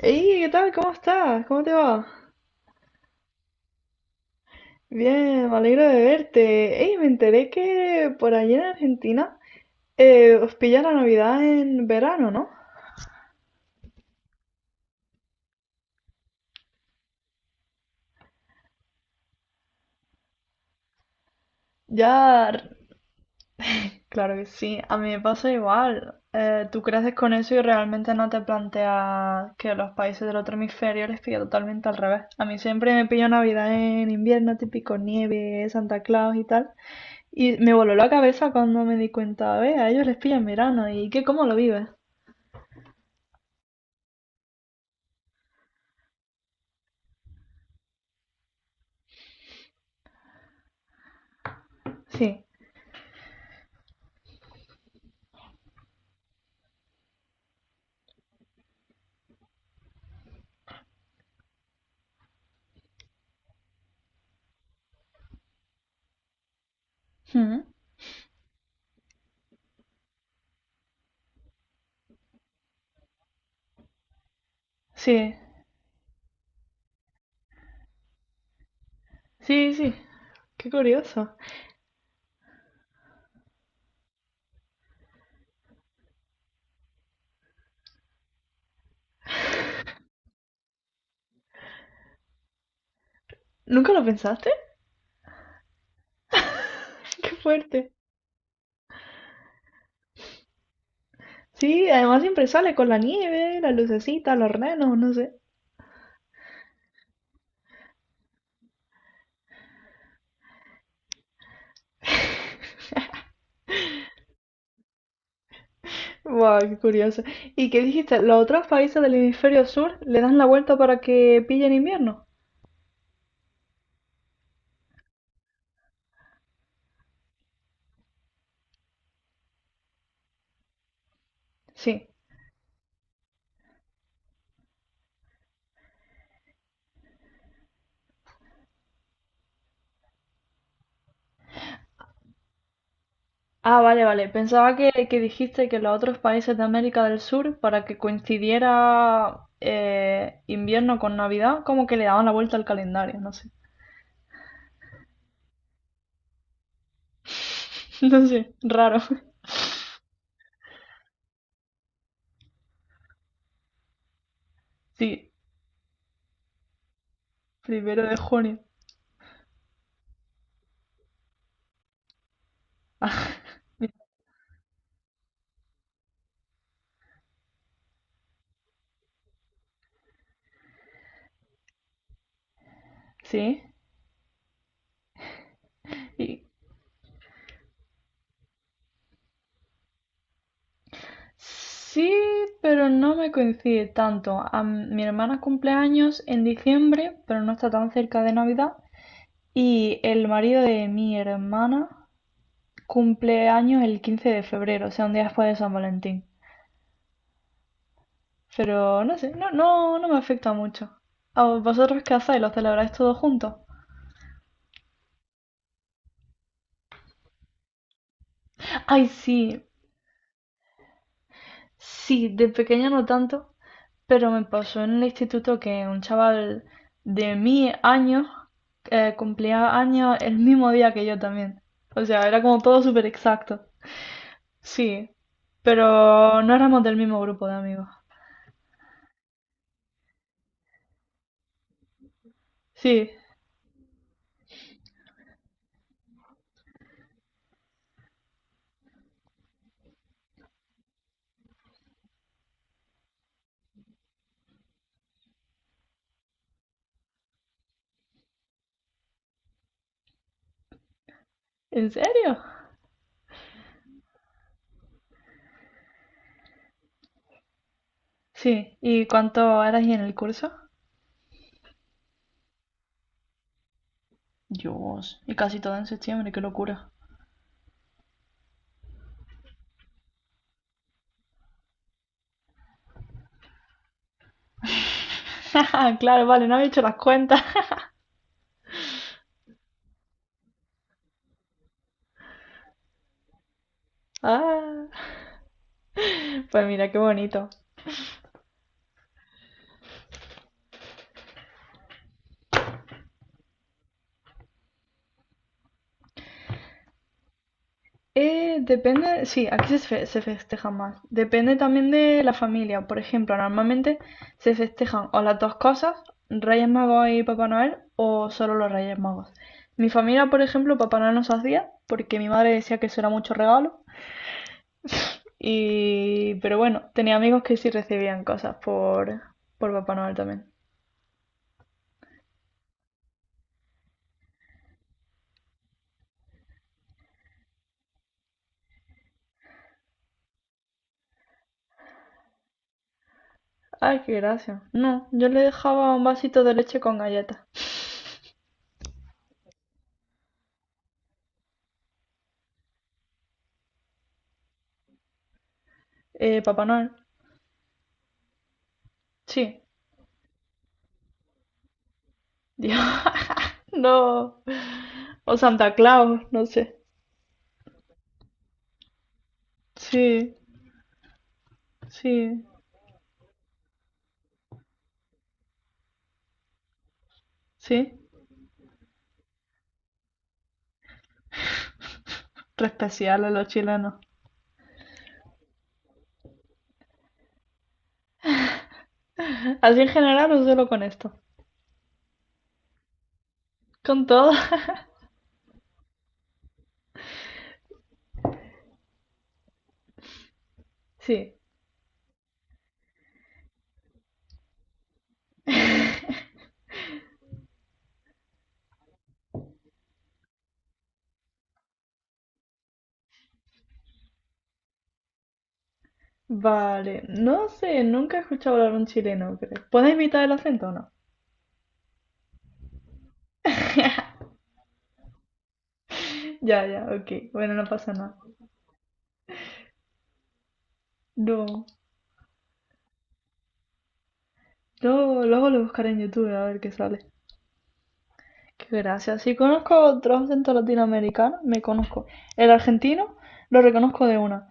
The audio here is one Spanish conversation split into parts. Hey, ¿qué tal? ¿Cómo estás? ¿Cómo te va? Bien, me alegro de verte. Hey, me enteré que por allí en Argentina os pilla la Navidad en verano, ¿no? Ya, claro que sí, a mí me pasa igual. Tú creces con eso y realmente no te planteas que los países del otro hemisferio les pilla totalmente al revés. A mí siempre me pilla Navidad en invierno, típico nieve, Santa Claus y tal. Y me voló la cabeza cuando me di cuenta, ve, a ellos les pilla en verano. ¿Y qué, cómo lo vives? Sí. Mm. Sí, sí, sí. Qué curioso. ¿Nunca lo pensaste? Qué fuerte. Sí, además siempre sale con la nieve, la lucecita, los renos, no sé. Wow, qué curioso. ¿Y qué dijiste? ¿Los otros países del hemisferio sur le dan la vuelta para que pillen invierno? Sí. Ah, vale, vale. Pensaba que dijiste que los otros países de América del Sur, para que coincidiera invierno con Navidad, como que le daban la vuelta al calendario, no sé. No sé, raro. Sí, primero de junio. Sí. Y- sí, pero no me coincide tanto. Mi hermana cumple años en diciembre, pero no está tan cerca de Navidad. Y el marido de mi hermana cumple años el 15 de febrero, o sea, un día después de San Valentín. Pero no sé, no me afecta mucho. ¿A vosotros qué hacéis? ¿Lo celebráis todos juntos? Ay, sí, sí, de pequeña no tanto, pero me pasó en el instituto que un chaval de mi año cumplía años el mismo día que yo también. O sea, era como todo súper exacto. Sí, pero no éramos del mismo grupo de amigos. Sí, ¿en serio? Sí, ¿y cuánto eras en el curso? Dios, y casi todo en septiembre, qué locura. Claro, vale, no había hecho las cuentas. Ah, pues mira, qué bonito. Depende, sí, aquí se, se festeja más. Depende también de la familia. Por ejemplo, normalmente se festejan o las dos cosas, Reyes Magos y Papá Noel, o solo los Reyes Magos. Mi familia, por ejemplo, Papá Noel no se hacía porque mi madre decía que eso era mucho regalo. Y, pero bueno, tenía amigos que sí recibían cosas por Papá Noel también. Ay, qué gracia. No, yo le dejaba un vasito de leche con galletas. Papá Noel, sí. Yo, no. O Santa Claus, no sé. Sí, sí, sí. Re especial a los chilenos. ¿Así en general o solo con esto? Con todo. Sí. Vale. No sé, nunca he escuchado hablar un chileno, creo. ¿Puedes imitar el acento o no? Ya, ya, ok. Bueno, no pasa nada. No. Luego, luego lo buscaré en YouTube a ver qué sale. Qué gracia. Si conozco otros acentos latinoamericanos, me conozco. El argentino lo reconozco de una.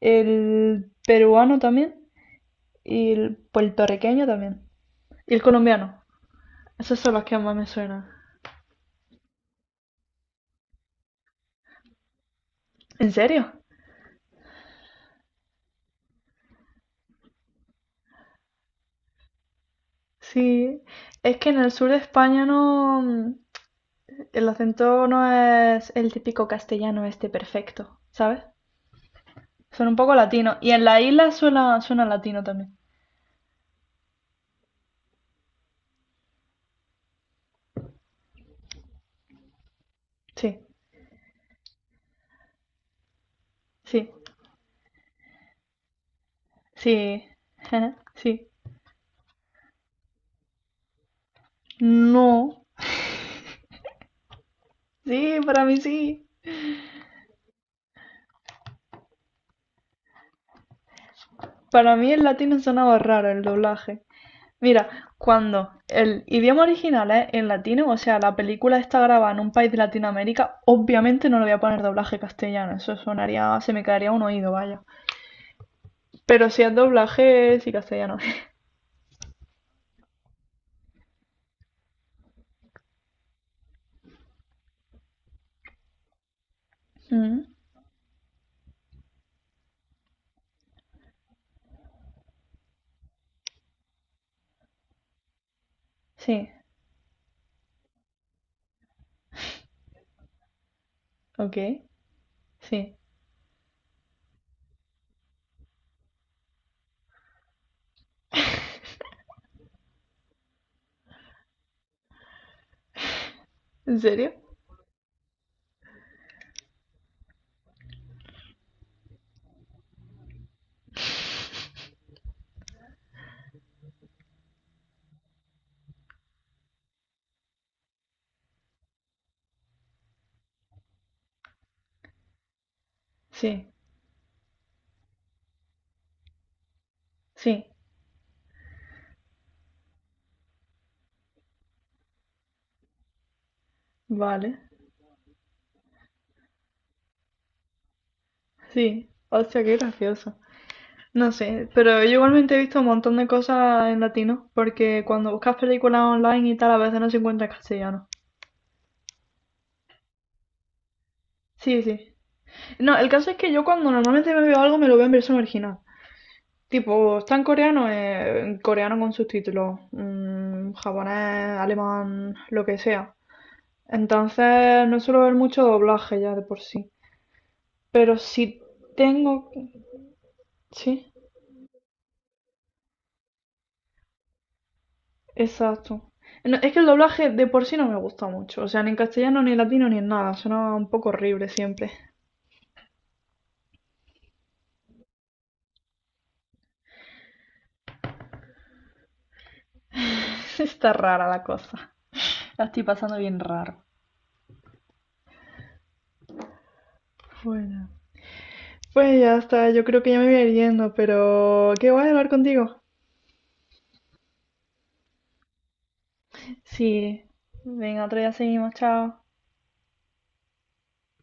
El peruano también. Y el puertorriqueño también. Y el colombiano. Esos son los que más me suenan. ¿En serio? Sí. Es que en el sur de España no. El acento no es el típico castellano este perfecto, ¿sabes? Son un poco latino y en la isla suena, suena latino también. Sí, sí, sí. Sí. No. Sí. Para mí el latino sonaba raro el doblaje. Mira, cuando el idioma original es en latino, o sea, la película está grabada en un país de Latinoamérica, obviamente no le voy a poner doblaje castellano, eso sonaría, se me caería un oído, vaya. Pero si es doblaje, sí castellano. Mm, sí, ok, sí. ¿En serio? Sí, sí, vale, sí. Hostia, qué gracioso. No sé, pero yo igualmente he visto un montón de cosas en latino, porque cuando buscas películas online y tal, a veces no se encuentra en castellano. Sí, sí. No, el caso es que yo cuando normalmente me veo algo me lo veo en versión original. Tipo, está en coreano con subtítulos, mm, japonés, alemán, lo que sea. Entonces no suelo ver mucho doblaje ya de por sí. Pero si tengo... Sí, exacto. No, es que el doblaje de por sí no me gusta mucho. O sea, ni en castellano, ni en latino, ni en nada. Suena un poco horrible siempre. Está rara la cosa. La estoy pasando bien raro. Bueno. Pues ya está, yo creo que ya me voy a ir yendo, pero qué guay hablar contigo. Sí, venga, otro día seguimos, chao.